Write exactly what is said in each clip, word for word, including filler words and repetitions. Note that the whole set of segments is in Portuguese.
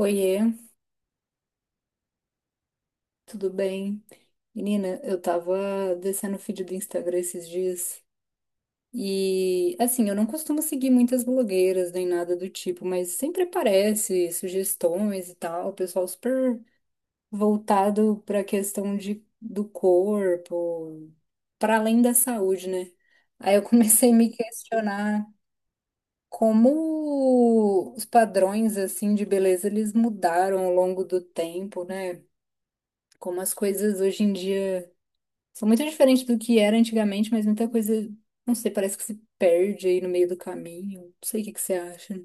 Oiê, tudo bem? Menina, eu tava descendo o feed do Instagram esses dias e, assim, eu não costumo seguir muitas blogueiras nem nada do tipo, mas sempre aparece sugestões e tal, o pessoal super voltado pra questão de, do corpo, pra além da saúde, né? Aí eu comecei a me questionar como os padrões, assim, de beleza eles mudaram ao longo do tempo, né? Como as coisas hoje em dia são muito diferentes do que era antigamente, mas muita coisa, não sei, parece que se perde aí no meio do caminho. Não sei o que que você acha.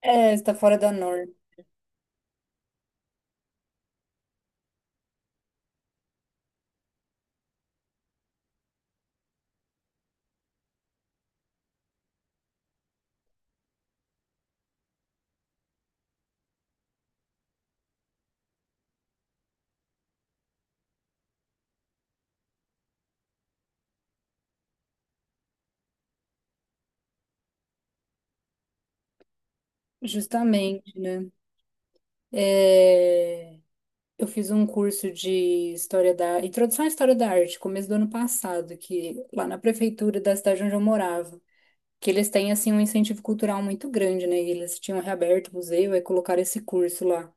É, está fora da norma. Justamente, né? É, eu fiz um curso de história da introdução à história da arte, começo do ano passado, que lá na prefeitura da cidade onde eu morava, que eles têm assim um incentivo cultural muito grande, né? E eles tinham reaberto o museu e colocaram esse curso lá.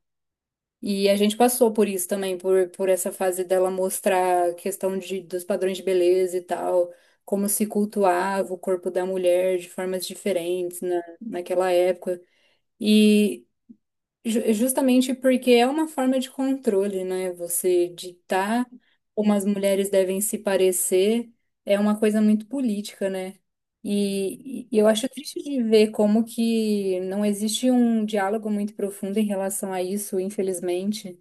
E a gente passou por isso também, por, por essa fase dela mostrar a questão de, dos padrões de beleza e tal, como se cultuava o corpo da mulher de formas diferentes na, naquela época. E ju- justamente porque é uma forma de controle, né? Você ditar como as mulheres devem se parecer é uma coisa muito política, né? E, e eu acho triste de ver como que não existe um diálogo muito profundo em relação a isso, infelizmente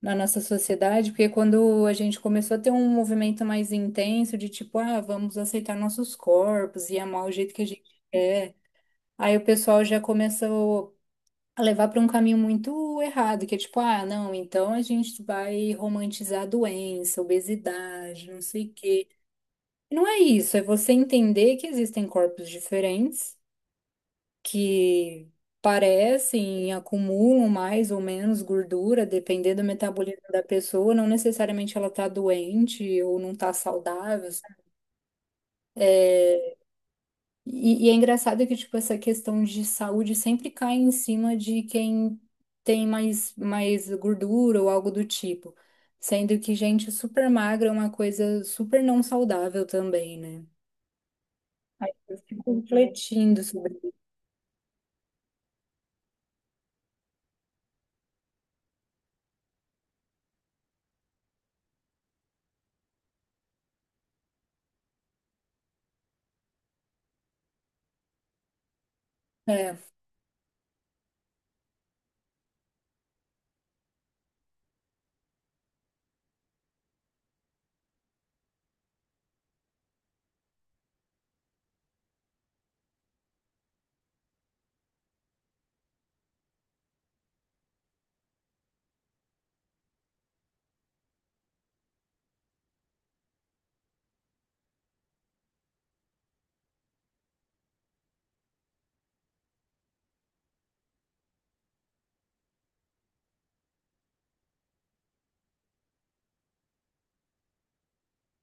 na nossa sociedade, porque quando a gente começou a ter um movimento mais intenso de tipo, ah, vamos aceitar nossos corpos e amar o jeito que a gente quer, aí o pessoal já começou a levar para um caminho muito errado, que é tipo, ah, não, então a gente vai romantizar a doença, obesidade, não sei o quê. Não é isso, é você entender que existem corpos diferentes que parecem, acumulam mais ou menos gordura, dependendo do metabolismo da pessoa, não necessariamente ela tá doente ou não tá saudável. E, e é engraçado que, tipo, essa questão de saúde sempre cai em cima de quem tem mais, mais gordura ou algo do tipo. Sendo que gente super magra é uma coisa super não saudável também, né? Eu fico refletindo sobre isso. É,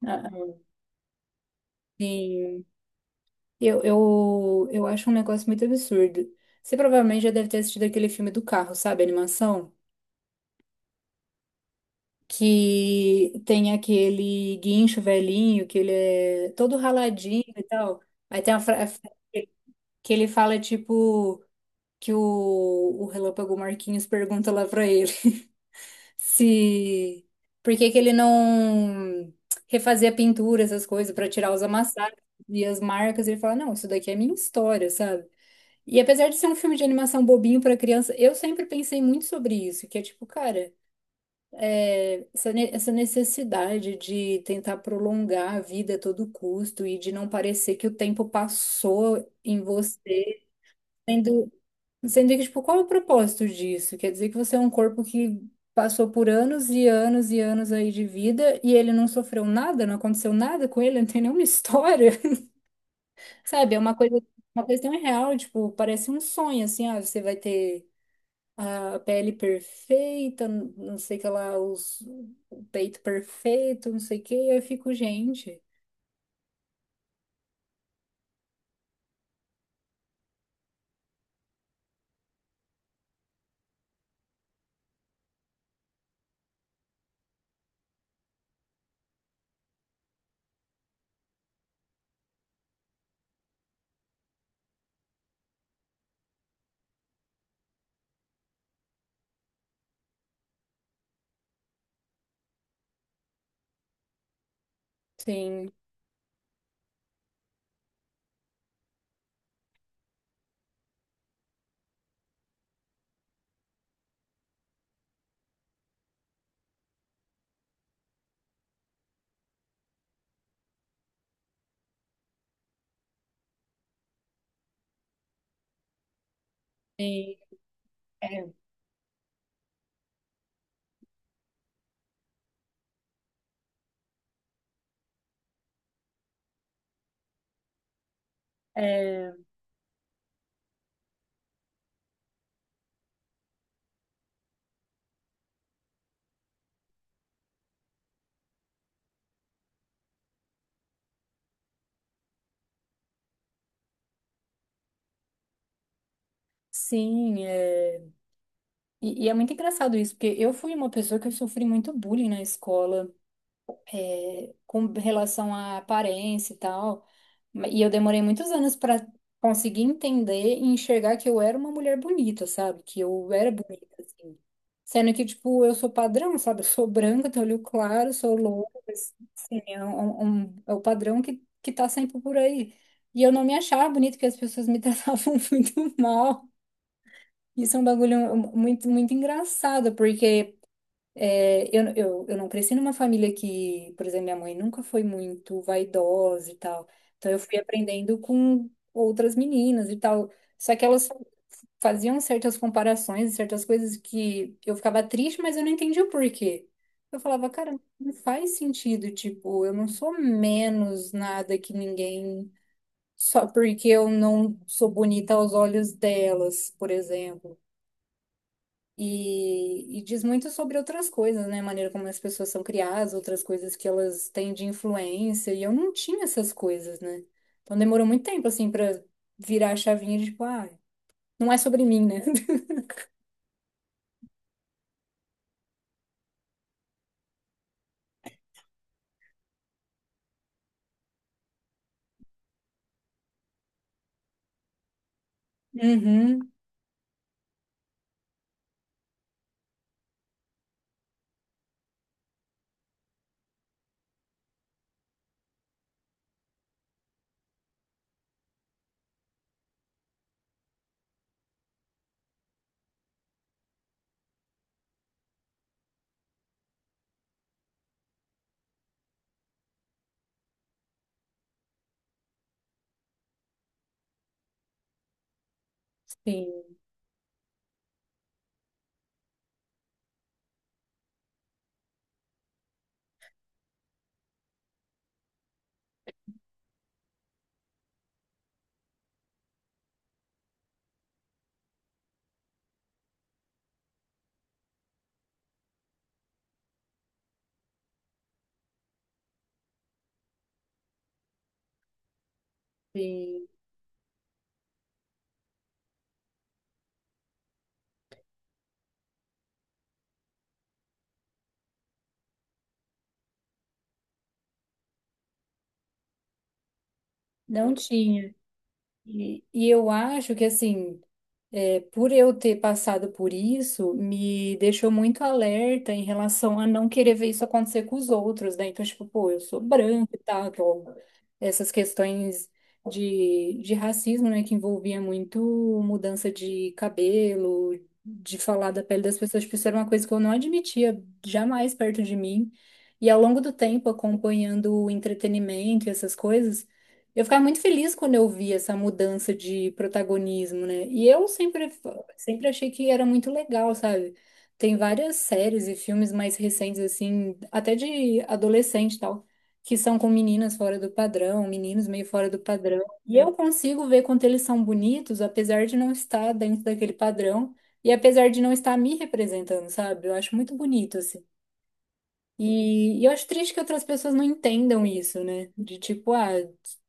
ah, sim. Eu, eu, eu acho um negócio muito absurdo. Você provavelmente já deve ter assistido aquele filme do carro, sabe? A animação. Que tem aquele guincho velhinho, que ele é todo raladinho e tal. Aí tem a frase que ele fala, tipo, que o, o Relâmpago Marquinhos pergunta lá pra ele se... Por que que ele não refazia a pintura, essas coisas, pra tirar os amassados e as marcas. Ele fala, não, isso daqui é minha história, sabe? E apesar de ser um filme de animação bobinho pra criança, eu sempre pensei muito sobre isso, que é tipo, cara, é, essa, ne- essa necessidade de tentar prolongar a vida a todo custo e de não parecer que o tempo passou em você, sendo, sendo que, tipo, qual é o propósito disso? Quer dizer que você é um corpo que passou por anos e anos e anos aí de vida e ele não sofreu nada, não aconteceu nada com ele, não tem nenhuma história, sabe? É uma coisa, uma coisa tão irreal, tipo, parece um sonho, assim, ah, você vai ter a pele perfeita, n- não sei o que lá, os, o peito perfeito, não sei o que, e aí eu fico, gente, sim, e- é, é, sim, é. E, e é muito engraçado isso, porque eu fui uma pessoa que eu sofri muito bullying na escola. Com relação à aparência e tal. E eu demorei muitos anos pra conseguir entender e enxergar que eu era uma mulher bonita, sabe? Que eu era bonita, assim. Sendo que, tipo, eu sou padrão, sabe? Eu sou branca, tenho olho claro, sou loura, mas, assim, é, um- um- um, é o padrão que, que tá sempre por aí. E eu não me achava bonita porque as pessoas me tratavam muito mal. Isso é um bagulho muito, muito engraçado, porque é, eu, eu, eu não cresci numa família que, por exemplo, minha mãe nunca foi muito vaidosa e tal. Então eu fui aprendendo com outras meninas e tal. Só que elas faziam certas comparações, certas coisas que eu ficava triste, mas eu não entendia o porquê. Eu falava, cara, não faz sentido, tipo, eu não sou menos nada que ninguém só porque eu não sou bonita aos olhos delas, por exemplo. E, e diz muito sobre outras coisas, né? A maneira como as pessoas são criadas, outras coisas que elas têm de influência. E eu não tinha essas coisas, né? Então demorou muito tempo, assim, pra virar a chavinha de tipo, ah, não é sobre mim, né? Uhum, sim, sim. Não tinha. E, e eu acho que, assim. É, por eu ter passado por isso, me deixou muito alerta em relação a não querer ver isso acontecer com os outros, né? Então, tipo, pô, eu sou branca e tal, então, essas questões de, de racismo, né, que envolvia muito mudança de cabelo, de falar da pele das pessoas, tipo, isso era uma coisa que eu não admitia jamais perto de mim. E ao longo do tempo, acompanhando o entretenimento e essas coisas, eu ficava muito feliz quando eu vi essa mudança de protagonismo, né? E eu sempre, sempre achei que era muito legal, sabe? Tem várias séries e filmes mais recentes, assim, até de adolescente e tal, que são com meninas fora do padrão, meninos meio fora do padrão. E eu consigo ver quanto eles são bonitos, apesar de não estar dentro daquele padrão e apesar de não estar me representando, sabe? Eu acho muito bonito, e, e eu acho triste que outras pessoas não entendam isso, né? De tipo, ah,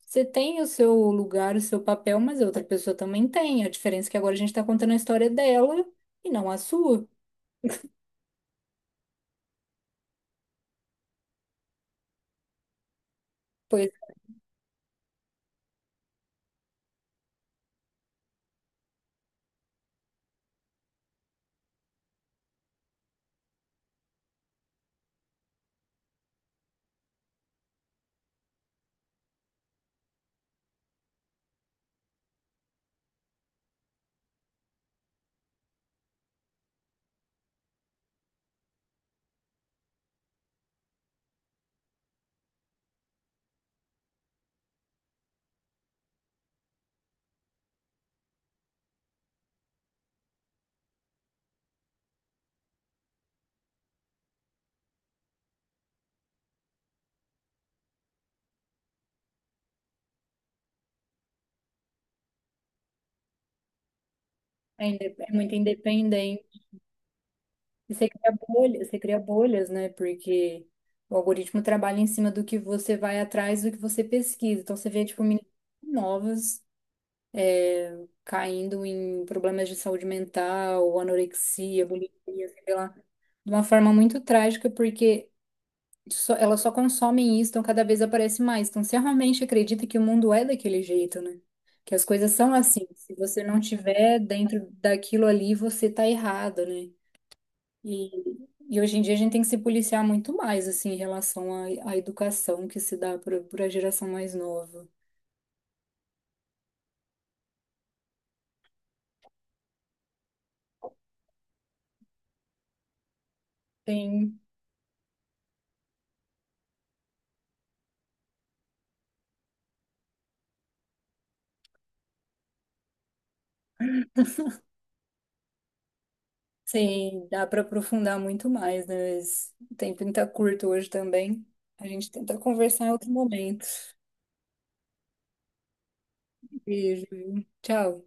você tem o seu lugar, o seu papel, mas a outra pessoa também tem. A diferença é que agora a gente tá contando a história dela e não a sua. Pois é, inde- é muito independente. E você cria bolhas, você cria bolhas, né? Porque o algoritmo trabalha em cima do que você vai atrás, do que você pesquisa. Então você vê, tipo, meninas novas. Caindo em problemas de saúde mental, anorexia, bulimia, sei lá, de uma forma muito trágica, porque só, elas só consomem isso, então cada vez aparece mais. Então, você realmente acredita que o mundo é daquele jeito, né? Que as coisas são assim. Se você não tiver dentro daquilo ali, você tá errado, né? E, e hoje em dia a gente tem que se policiar muito mais, assim, em relação à, à educação que se dá para a geração mais nova. Tem. Sim, dá para aprofundar muito mais, né? Mas o tempo está curto hoje também. A gente tenta conversar em outro momento. Beijo. Tchau.